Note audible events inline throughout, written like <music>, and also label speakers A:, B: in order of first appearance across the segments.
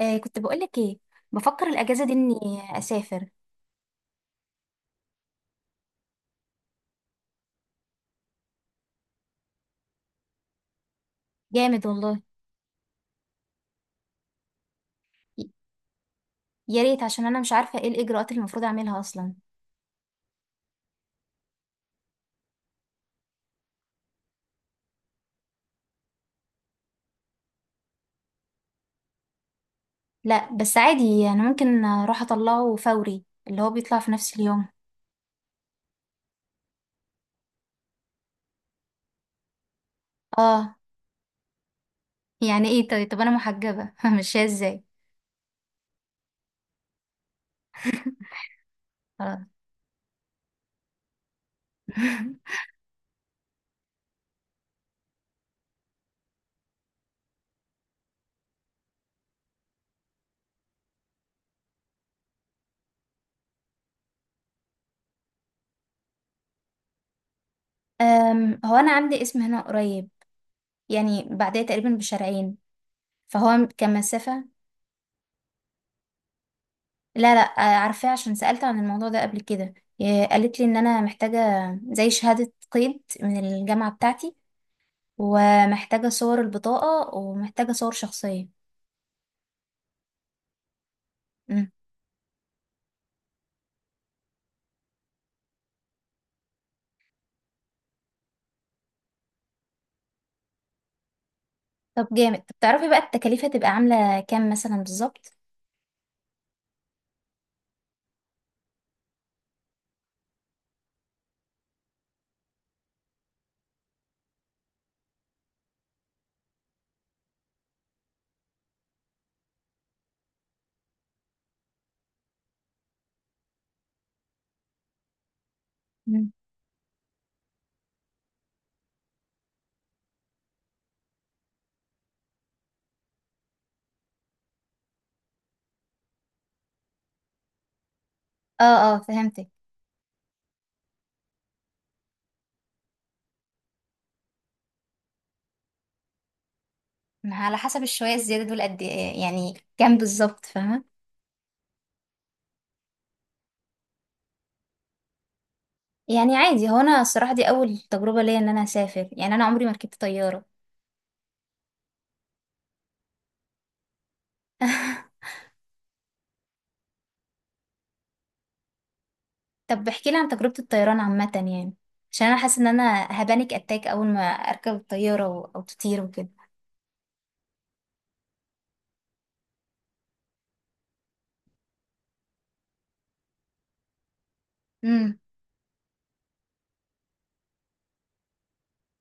A: آه، كنت بقولك ايه؟ بفكر الاجازه دي اني اسافر. جامد والله. ي- يا ريت، عشان انا مش عارفه ايه الاجراءات اللي المفروض اعملها اصلا. لا بس عادي، انا ممكن اروح اطلعه فوري اللي هو بيطلع في نفس اليوم. اه يعني ايه؟ طيب انا محجبه <laughs> ماشيه ازاي؟ خلاص. هو انا عندي اسم هنا قريب، يعني بعديه تقريبا بشارعين، فهو كمسافه. لا آه، عارفاه عشان سالت عن الموضوع ده قبل كده. آه، قالت لي ان انا محتاجه زي شهاده قيد من الجامعه بتاعتي، ومحتاجة صور البطاقة ومحتاجة صور شخصية. مم. طب جامد. طب تعرفي بقى التكاليف هتبقى عاملة كام مثلا بالظبط؟ مم. اه اه فهمتك. ما على حسب الشوية الزيادة دول قد ايه يعني؟ كام بالظبط فاهمة؟ يعني عادي، هو انا الصراحة دي اول تجربة ليا ان انا اسافر، يعني انا عمري ما ركبت طيارة. <laughs> طب احكي لي عن تجربة الطيران عامة يعني، عشان انا حاسة ان انا هبانك اتاك اول ما اركب الطيارة او تطير وكده.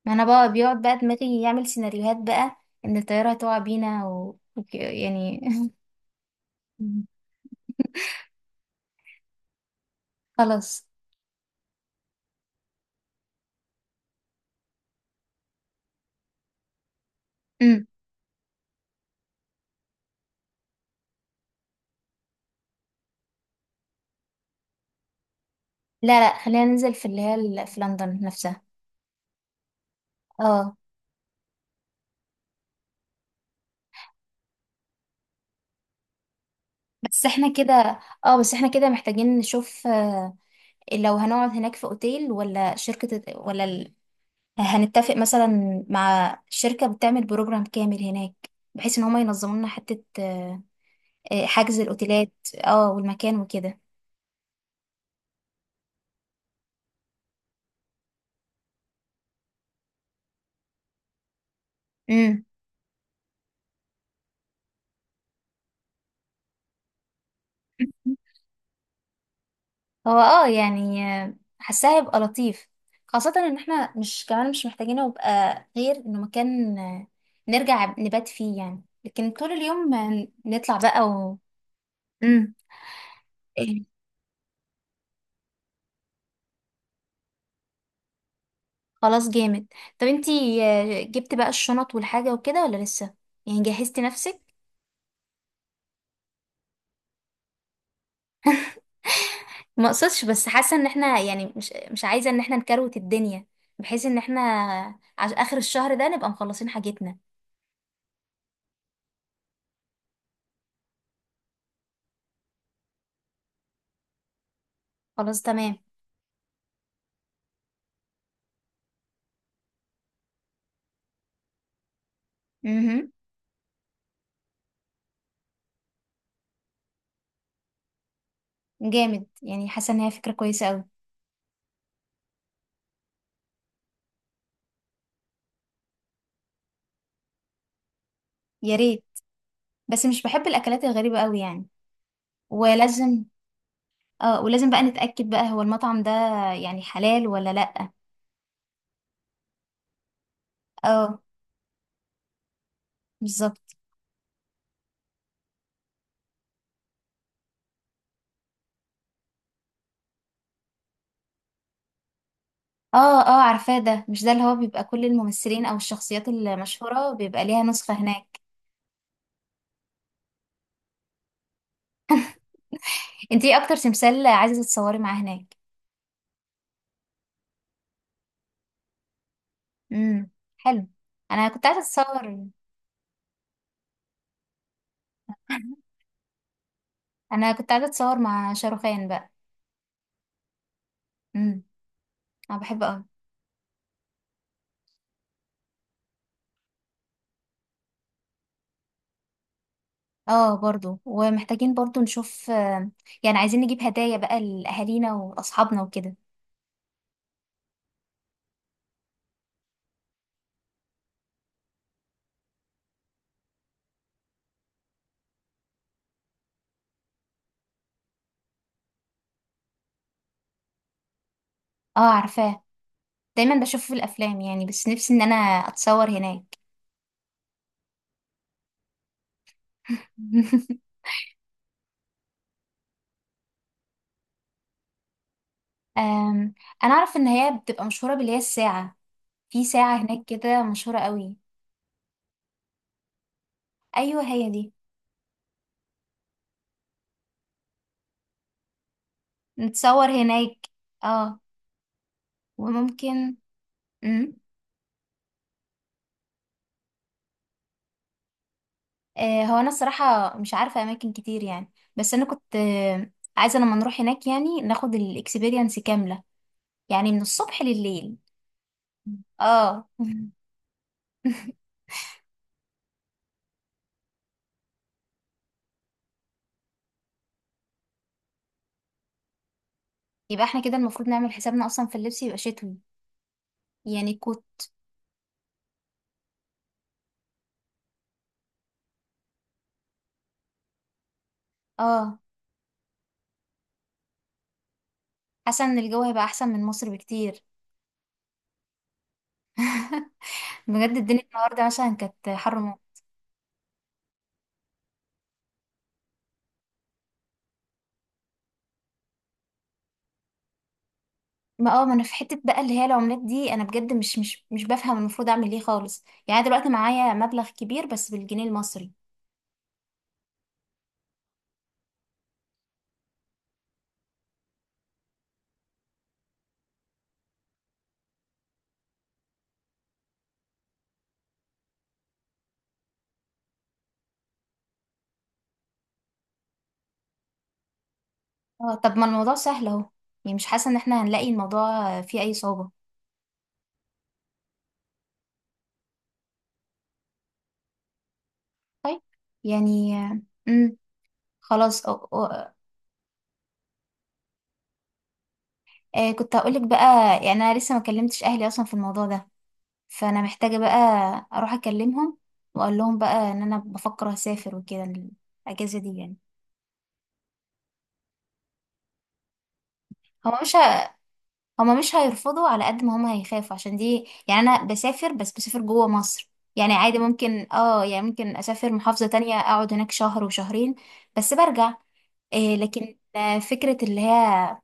A: ما انا بقى بيقعد بقى دماغي يعمل سيناريوهات بقى ان الطيارة هتقع بينا يعني. <laughs> مم. خلاص. امم. لا خلينا ننزل في اللي هي في لندن نفسها. اه بس احنا كده، اه بس احنا كده محتاجين نشوف لو هنقعد هناك في اوتيل ولا شركة ولا هنتفق مثلا مع شركة بتعمل بروجرام كامل هناك، بحيث ان هما ينظموا لنا حتة آه، حجز الاوتيلات. اه والمكان وكده. امم. هو اه يعني حاساه هيبقى لطيف، خاصة ان احنا مش كمان مش محتاجين يبقى غير انه مكان نرجع نبات فيه يعني، لكن طول اليوم نطلع بقى و… مم. إيه، خلاص جامد. طب انتي جبت بقى الشنط والحاجة وكده ولا لسه؟ يعني جهزتي نفسك؟ ما اقصدش، بس حاسة ان احنا يعني مش عايزة ان احنا نكروت الدنيا، بحيث ان احنا عش اخر الشهر ده نبقى مخلصين حاجتنا. خلاص تمام. امم. جامد، يعني حاسة ان هي فكرة كويسة أوي. يا ريت، بس مش بحب الاكلات الغريبه قوي يعني. ولازم، اه ولازم بقى نتاكد بقى هو المطعم ده يعني حلال ولا لا. اه بالظبط. اه اه عارفاه، ده مش ده اللي هو بيبقى كل الممثلين او الشخصيات المشهوره بيبقى ليها نسخه هناك؟ انت ايه اكتر تمثال عايزه تتصوري معاه هناك؟ امم. حلو. انا كنت عايزه اتصور. <laughs> انا كنت عايزه اتصور مع شاروخان بقى. امم. انا بحبه قوي. اه برضو، ومحتاجين برضو نشوف يعني عايزين نجيب هدايا بقى لاهالينا واصحابنا وكده. اه عارفاه، دايما بشوفه في الافلام يعني، بس نفسي ان انا اتصور هناك. <laughs> أم، انا اعرف ان هي بتبقى مشهوره باللي هي الساعه. في ساعه هناك كده مشهوره قوي. ايوه هي دي. نتصور هناك. اه. وممكن. امم. آه هو انا الصراحه مش عارفه اماكن كتير يعني، بس انا كنت عايزه لما نروح هناك يعني ناخد الاكسبيرينس كامله، يعني من الصبح لليل. اه. <laughs> يبقى احنا كده المفروض نعمل حسابنا اصلا في اللبس يبقى شتوي يعني. اه حاسه ان الجو هيبقى احسن من مصر بكتير. بجد الدنيا النهارده مثلا كانت حر موت. ما اه ما انا في حته بقى اللي هي العملات دي انا بجد مش بفهم المفروض اعمل ايه خالص يعني. أنا دلوقتي معايا مبلغ كبير بس بالجنيه المصري. اه طب ما الموضوع سهل اهو، يعني مش حاسه ان احنا هنلاقي الموضوع فيه اي صعوبه. طيب يعني. امم. خلاص. أو. آه كنت هقولك بقى، يعني انا لسه ما كلمتش اهلي اصلا في الموضوع ده، فانا محتاجة بقى اروح اكلمهم واقول لهم بقى ان انا بفكر اسافر وكده الاجازة دي يعني. هما مش ه... هما مش هيرفضوا على قد ما هما هيخافوا، عشان دي يعني انا بسافر، بس بسافر جوه مصر. يعني عادي ممكن اه، يعني ممكن اسافر محافظة تانية اقعد هناك شهر وشهرين بس برجع. إيه لكن فكرة اللي هي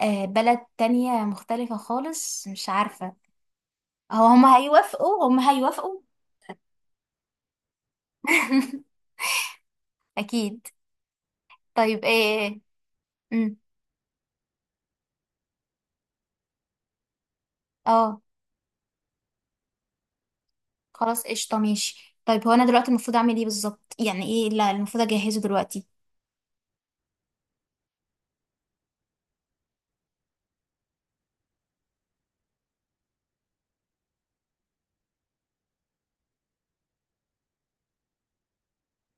A: بلد تانية مختلفة خالص، مش عارفة هو هما هيوافقوا. هما هيوافقوا. <laughs> أكيد. طيب إيه. مم. اه خلاص قشطة ماشي. طيب هو أنا دلوقتي المفروض أعمل إيه بالظبط؟ يعني إيه لا المفروض أجهزه دلوقتي؟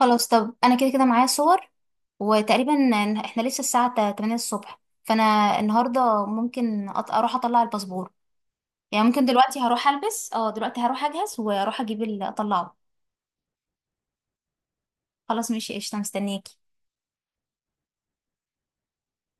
A: خلاص. طب أنا كده كده معايا صور، وتقريبا إحنا لسه الساعة 8 الصبح، فأنا النهاردة ممكن أروح أطلع الباسبور. يعني ممكن دلوقتي هروح ألبس، أه دلوقتي هروح أجهز وأروح أجيب أطلعه. خلاص ماشي قشطة، مستنياكي.